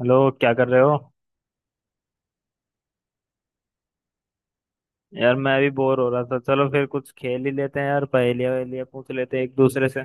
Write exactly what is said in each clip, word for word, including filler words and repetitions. Hello क्या कर रहे हो? यार मैं भी बोर हो रहा था। चलो फिर कुछ खेल ही लेते हैं। यार पहेलियां वहेलियां पूछ लेते हैं एक दूसरे से।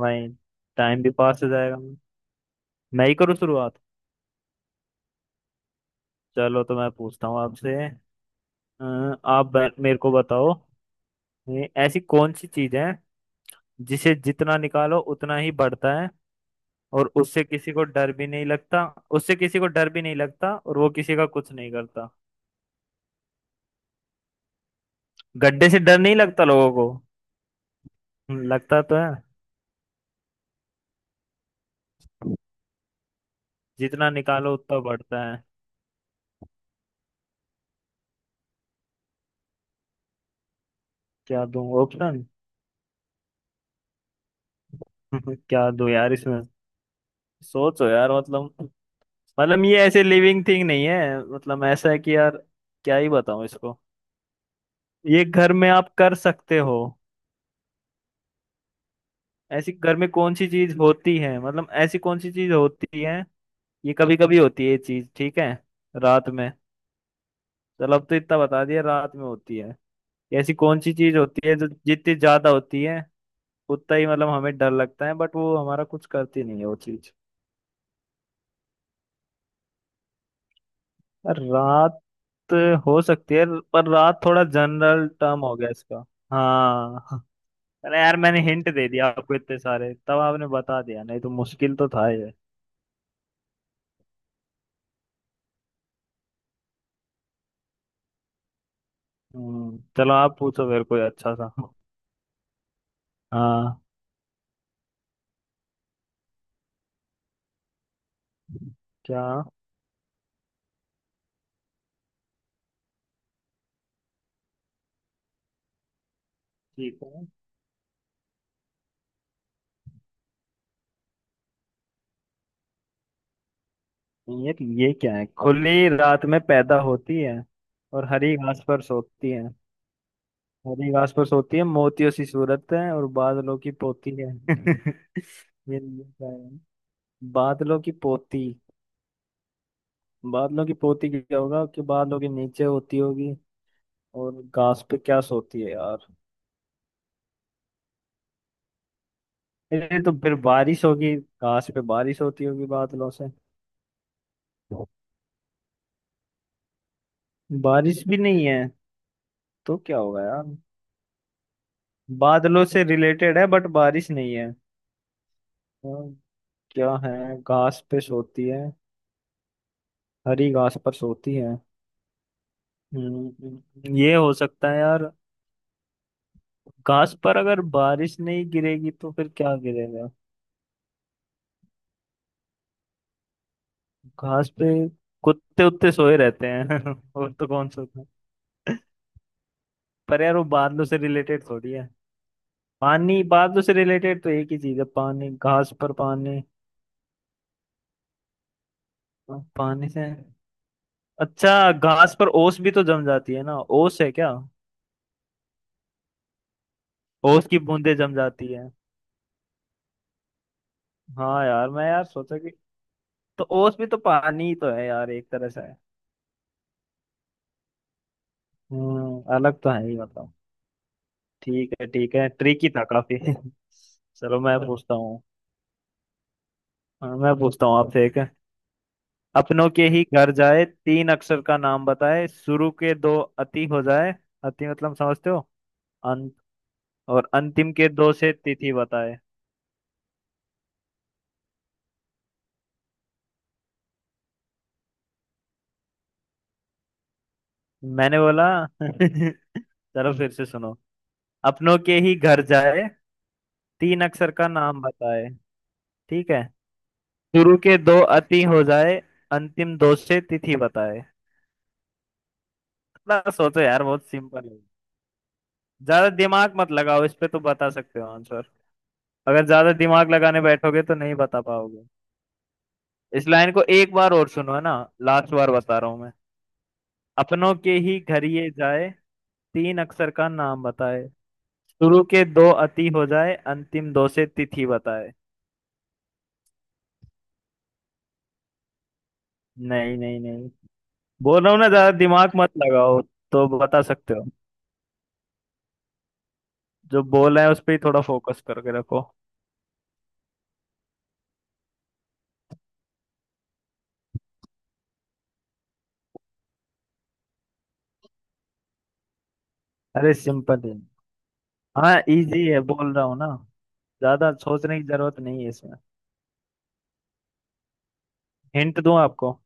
वही। टाइम भी पास हो जाएगा। मैं ही करूँ शुरुआत? चलो तो मैं पूछता हूँ आपसे। अ, आप ब- मेरे को बताओ। ये ऐसी कौन सी चीज है जिसे जितना निकालो उतना ही बढ़ता है और उससे किसी को डर भी नहीं लगता। उससे किसी को डर भी नहीं लगता और वो किसी का कुछ नहीं करता। गड्ढे से डर नहीं लगता लोगों को। हम्म, लगता तो है। जितना निकालो उतना बढ़ता है। क्या दूं ऑप्शन? क्या दूं यार इसमें। सोचो यार मतलब। मतलब ये ऐसे लिविंग थिंग नहीं है। मतलब ऐसा है कि यार क्या ही बताऊं इसको। ये घर में आप कर सकते हो। ऐसी घर में कौन सी चीज होती है, मतलब ऐसी कौन सी चीज होती है? ये कभी कभी होती है ये चीज। ठीक है। रात में। चलो अब तो इतना बता दिया रात में होती है। ऐसी कौन सी चीज होती है जो जितनी ज्यादा होती है उतना ही मतलब हमें डर लगता है बट वो हमारा कुछ करती नहीं है वो चीज। रात हो सकती है। पर रात थोड़ा जनरल टर्म हो गया इसका। हाँ। अरे यार मैंने हिंट दे दिया आपको इतने सारे तब आपने बता दिया, नहीं तो मुश्किल तो था ये। हम्म चलो आप पूछो मेरे को अच्छा सा। हाँ। क्या? ठीक है। यार ये क्या है, खुली रात में पैदा होती है और हरी घास पर सोती है। हरी घास पर सोती है, मोतियों सी सूरत है और बादलों की पोती है। ये ये क्या है? बादलों की पोती। बादलों की पोती क्या होगा कि बादलों के नीचे होती होगी। और घास पे क्या सोती है यार। ये तो फिर बारिश होगी, घास पे बारिश होती होगी बादलों से। बारिश भी नहीं है। तो क्या होगा यार। बादलों से रिलेटेड है बट बारिश नहीं है। और क्या है, घास पे सोती है, हरी घास पर सोती है। हम्म, ये हो सकता है यार। घास पर अगर बारिश नहीं गिरेगी तो फिर क्या गिरेगा। घास पे कुत्ते उत्ते सोए रहते हैं और तो कौन सोता है। पर यार वो बादलों से रिलेटेड थोड़ी है। पानी बादलों से रिलेटेड तो एक ही चीज है पानी, घास पर पानी। पानी से। अच्छा घास पर ओस भी तो जम जाती है ना, ओस है क्या? ओस की बूंदें जम जाती है। हाँ यार, मैं यार सोचा कि तो ओस भी तो पानी ही तो है यार, एक तरह से है। हम्म अलग तो है ही मतलब। ठीक है, ठीक है, ट्रिकी था काफी। चलो मैं पूछता हूँ। हाँ, मैं पूछता हूँ आपसे एक। अपनों के ही घर जाए, तीन अक्षर का नाम बताए, शुरू के दो अति हो जाए। अति मतलब समझते हो, अंत। और अंतिम के दो से तिथि बताए। मैंने बोला। चलो फिर से सुनो। अपनों के ही घर जाए, तीन अक्षर का नाम बताए। ठीक है। शुरू के दो अति हो जाए, अंतिम दो से तिथि बताए। थोड़ा सोचो यार, बहुत सिंपल है। ज्यादा दिमाग मत लगाओ इस पे तो बता सकते हो आंसर। अगर ज्यादा दिमाग लगाने बैठोगे तो नहीं बता पाओगे। इस लाइन को एक बार और सुनो है ना। लास्ट बार बता रहा हूं मैं। अपनों के ही घर ये जाए, तीन अक्षर का नाम बताए, शुरू के दो अति हो जाए, अंतिम दो से तिथि बताए। नहीं, नहीं, नहीं, बोल रहा हूँ ना ज्यादा दिमाग मत लगाओ तो बता सकते हो। जो बोल रहे हैं उस पर ही थोड़ा फोकस करके रखो। अरे सिंपल है। हाँ इजी है, बोल रहा हूँ ना। ज्यादा सोचने की जरूरत नहीं है इसमें। हिंट दूं आपको?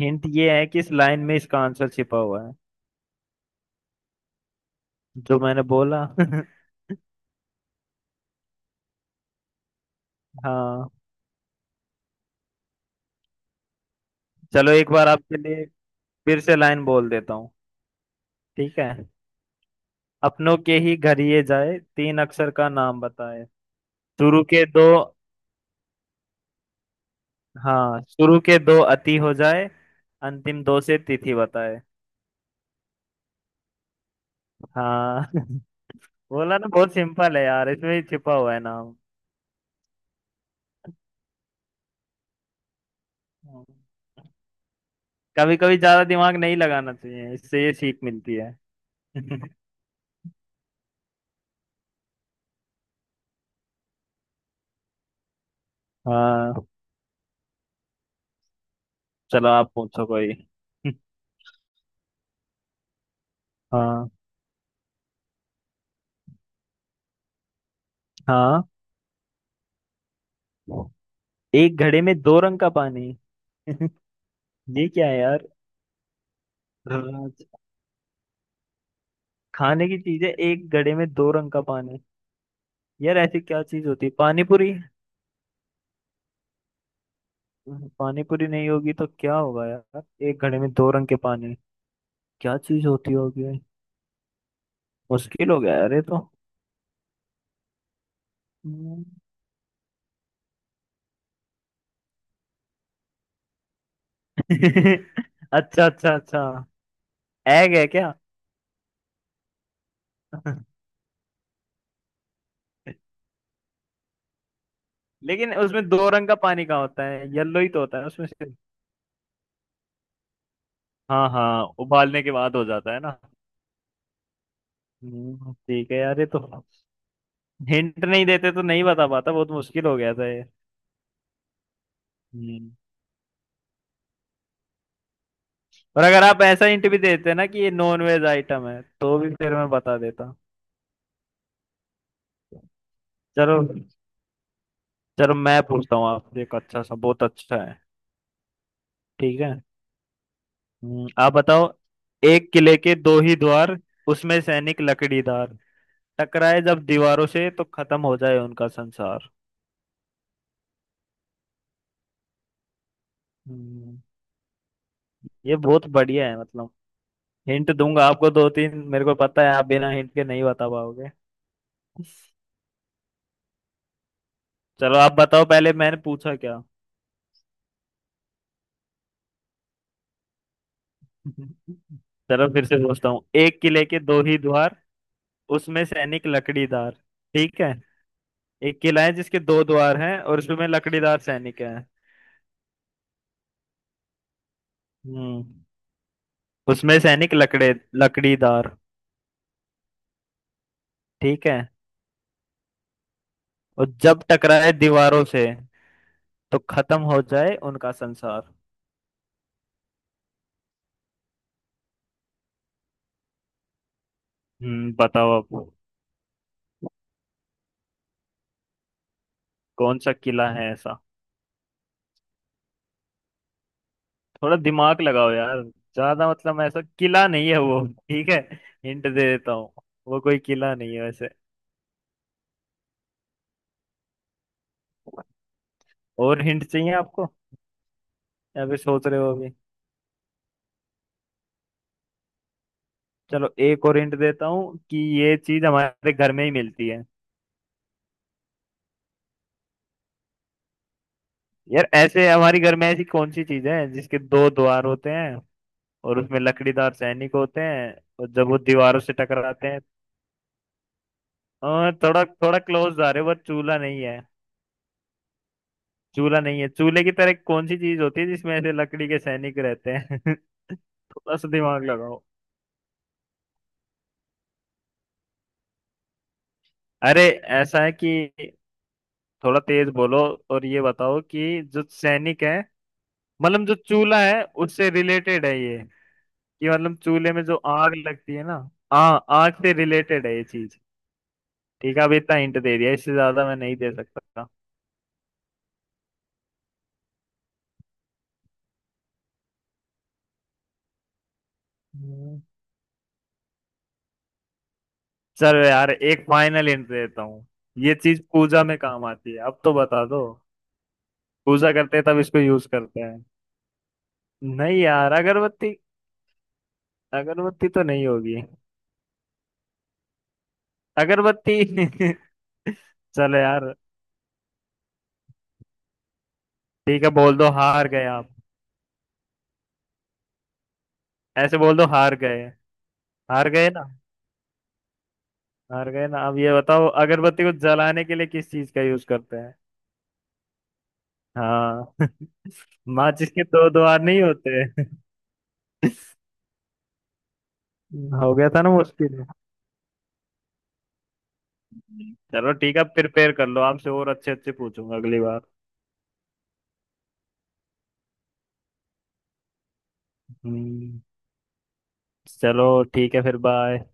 हिंट ये है कि इस लाइन में इसका आंसर छिपा हुआ है। जो मैंने बोला। हाँ। चलो एक बार आपके लिए फिर से लाइन बोल देता हूँ। ठीक है। अपनों के ही घर ये जाए, तीन अक्षर का नाम बताए, शुरू के दो। हाँ, शुरू के दो अति हो जाए, अंतिम दो से तिथि बताए। हाँ। बोला ना, बहुत सिंपल है यार, इसमें ही छिपा हुआ है नाम। कभी कभी ज्यादा दिमाग नहीं लगाना चाहिए, इससे ये सीख मिलती है। हाँ, चलो आप पूछो कोई। हाँ, हाँ। एक घड़े में दो रंग का पानी। ये क्या है यार? खाने की चीज है एक घड़े में दो रंग का पानी। यार ऐसी क्या चीज होती है, पानी पूरी? पानी पूरी नहीं होगी तो क्या होगा यार। एक घड़े में दो रंग के पानी। क्या चीज होती होगी? मुश्किल हो गया यार ये तो। हम्म। अच्छा, अच्छा, अच्छा, एग है क्या? लेकिन उसमें दो रंग का पानी कहाँ होता है, येलो ही तो होता है उसमें से। हाँ, हाँ, उबालने के बाद हो जाता है ना। हम्म, ठीक है यार ये तो। हिंट नहीं देते तो नहीं बता पाता, बहुत मुश्किल हो गया था ये। हम्म, और अगर आप ऐसा हिंट भी देते ना कि ये नॉन वेज आइटम है तो भी फिर मैं बता देता। चलो। चलो मैं पूछता हूँ आपसे एक अच्छा सा, बहुत अच्छा है। ठीक है। हम्म, आप बताओ। एक किले के दो ही द्वार, उसमें सैनिक लकड़ीदार, टकराए जब दीवारों से तो खत्म हो जाए उनका संसार। हम्म, ये बहुत बढ़िया है मतलब। हिंट दूंगा आपको दो तीन, मेरे को पता है आप बिना हिंट के नहीं बता पाओगे। चलो आप बताओ पहले मैंने पूछा क्या। चलो फिर से पूछता हूँ, एक किले के दो ही द्वार, उसमें सैनिक लकड़ीदार। ठीक है। एक किला है जिसके दो द्वार हैं और उसमें लकड़ीदार सैनिक है। हम्म उसमें सैनिक लकड़े लकड़ीदार। ठीक है, और जब टकराए दीवारों से तो खत्म हो जाए उनका संसार। हम्म बताओ अब। कौन सा किला है ऐसा, थोड़ा दिमाग लगाओ यार। ज्यादा मतलब ऐसा किला नहीं है वो। ठीक है, हिंट दे देता हूँ। वो कोई किला नहीं है वैसे। और हिंट चाहिए आपको या फिर सोच रहे हो अभी? चलो एक और हिंट देता हूँ कि ये चीज हमारे घर में ही मिलती है। यार ऐसे हमारी घर में ऐसी कौन सी चीज है जिसके दो द्वार होते हैं और उसमें लकड़ीदार सैनिक होते हैं और जब वो दीवारों से टकराते हैं। अ, थोड़ा थोड़ा क्लोज आ रहे हो, पर चूल्हा नहीं है। चूल्हा नहीं है, चूल्हे की तरह कौन सी चीज होती है जिसमें ऐसे लकड़ी के सैनिक रहते हैं? थोड़ा सा दिमाग लगाओ। अरे, ऐसा है कि थोड़ा तेज बोलो, और ये बताओ कि जो सैनिक है, मतलब जो चूल्हा है उससे रिलेटेड है ये, कि मतलब चूल्हे में जो आग लगती है ना। आ आग से रिलेटेड है ये चीज। ठीक है अब इतना हिंट दे दिया, इससे ज्यादा मैं नहीं दे सकता। हम्म, चलो यार एक फाइनल हिंट देता हूँ। ये चीज पूजा में काम आती है, अब तो बता दो। पूजा करते हैं तब इसको यूज करते हैं। नहीं यार अगरबत्ती, अगरबत्ती तो नहीं होगी। अगरबत्ती। चलो यार। ठीक है, बोल दो हार गए आप। ऐसे बोल दो हार गए। हार गए ना। हार गए ना, अब ये बताओ अगरबत्ती को जलाने के लिए किस चीज का यूज करते हैं? हाँ। माचिस के दो द्वार नहीं होते। हो गया था ना मुश्किल। चलो ठीक है, प्रिपेयर कर लो, आपसे और अच्छे अच्छे पूछूंगा अगली बार। हम्म चलो ठीक है फिर बाय।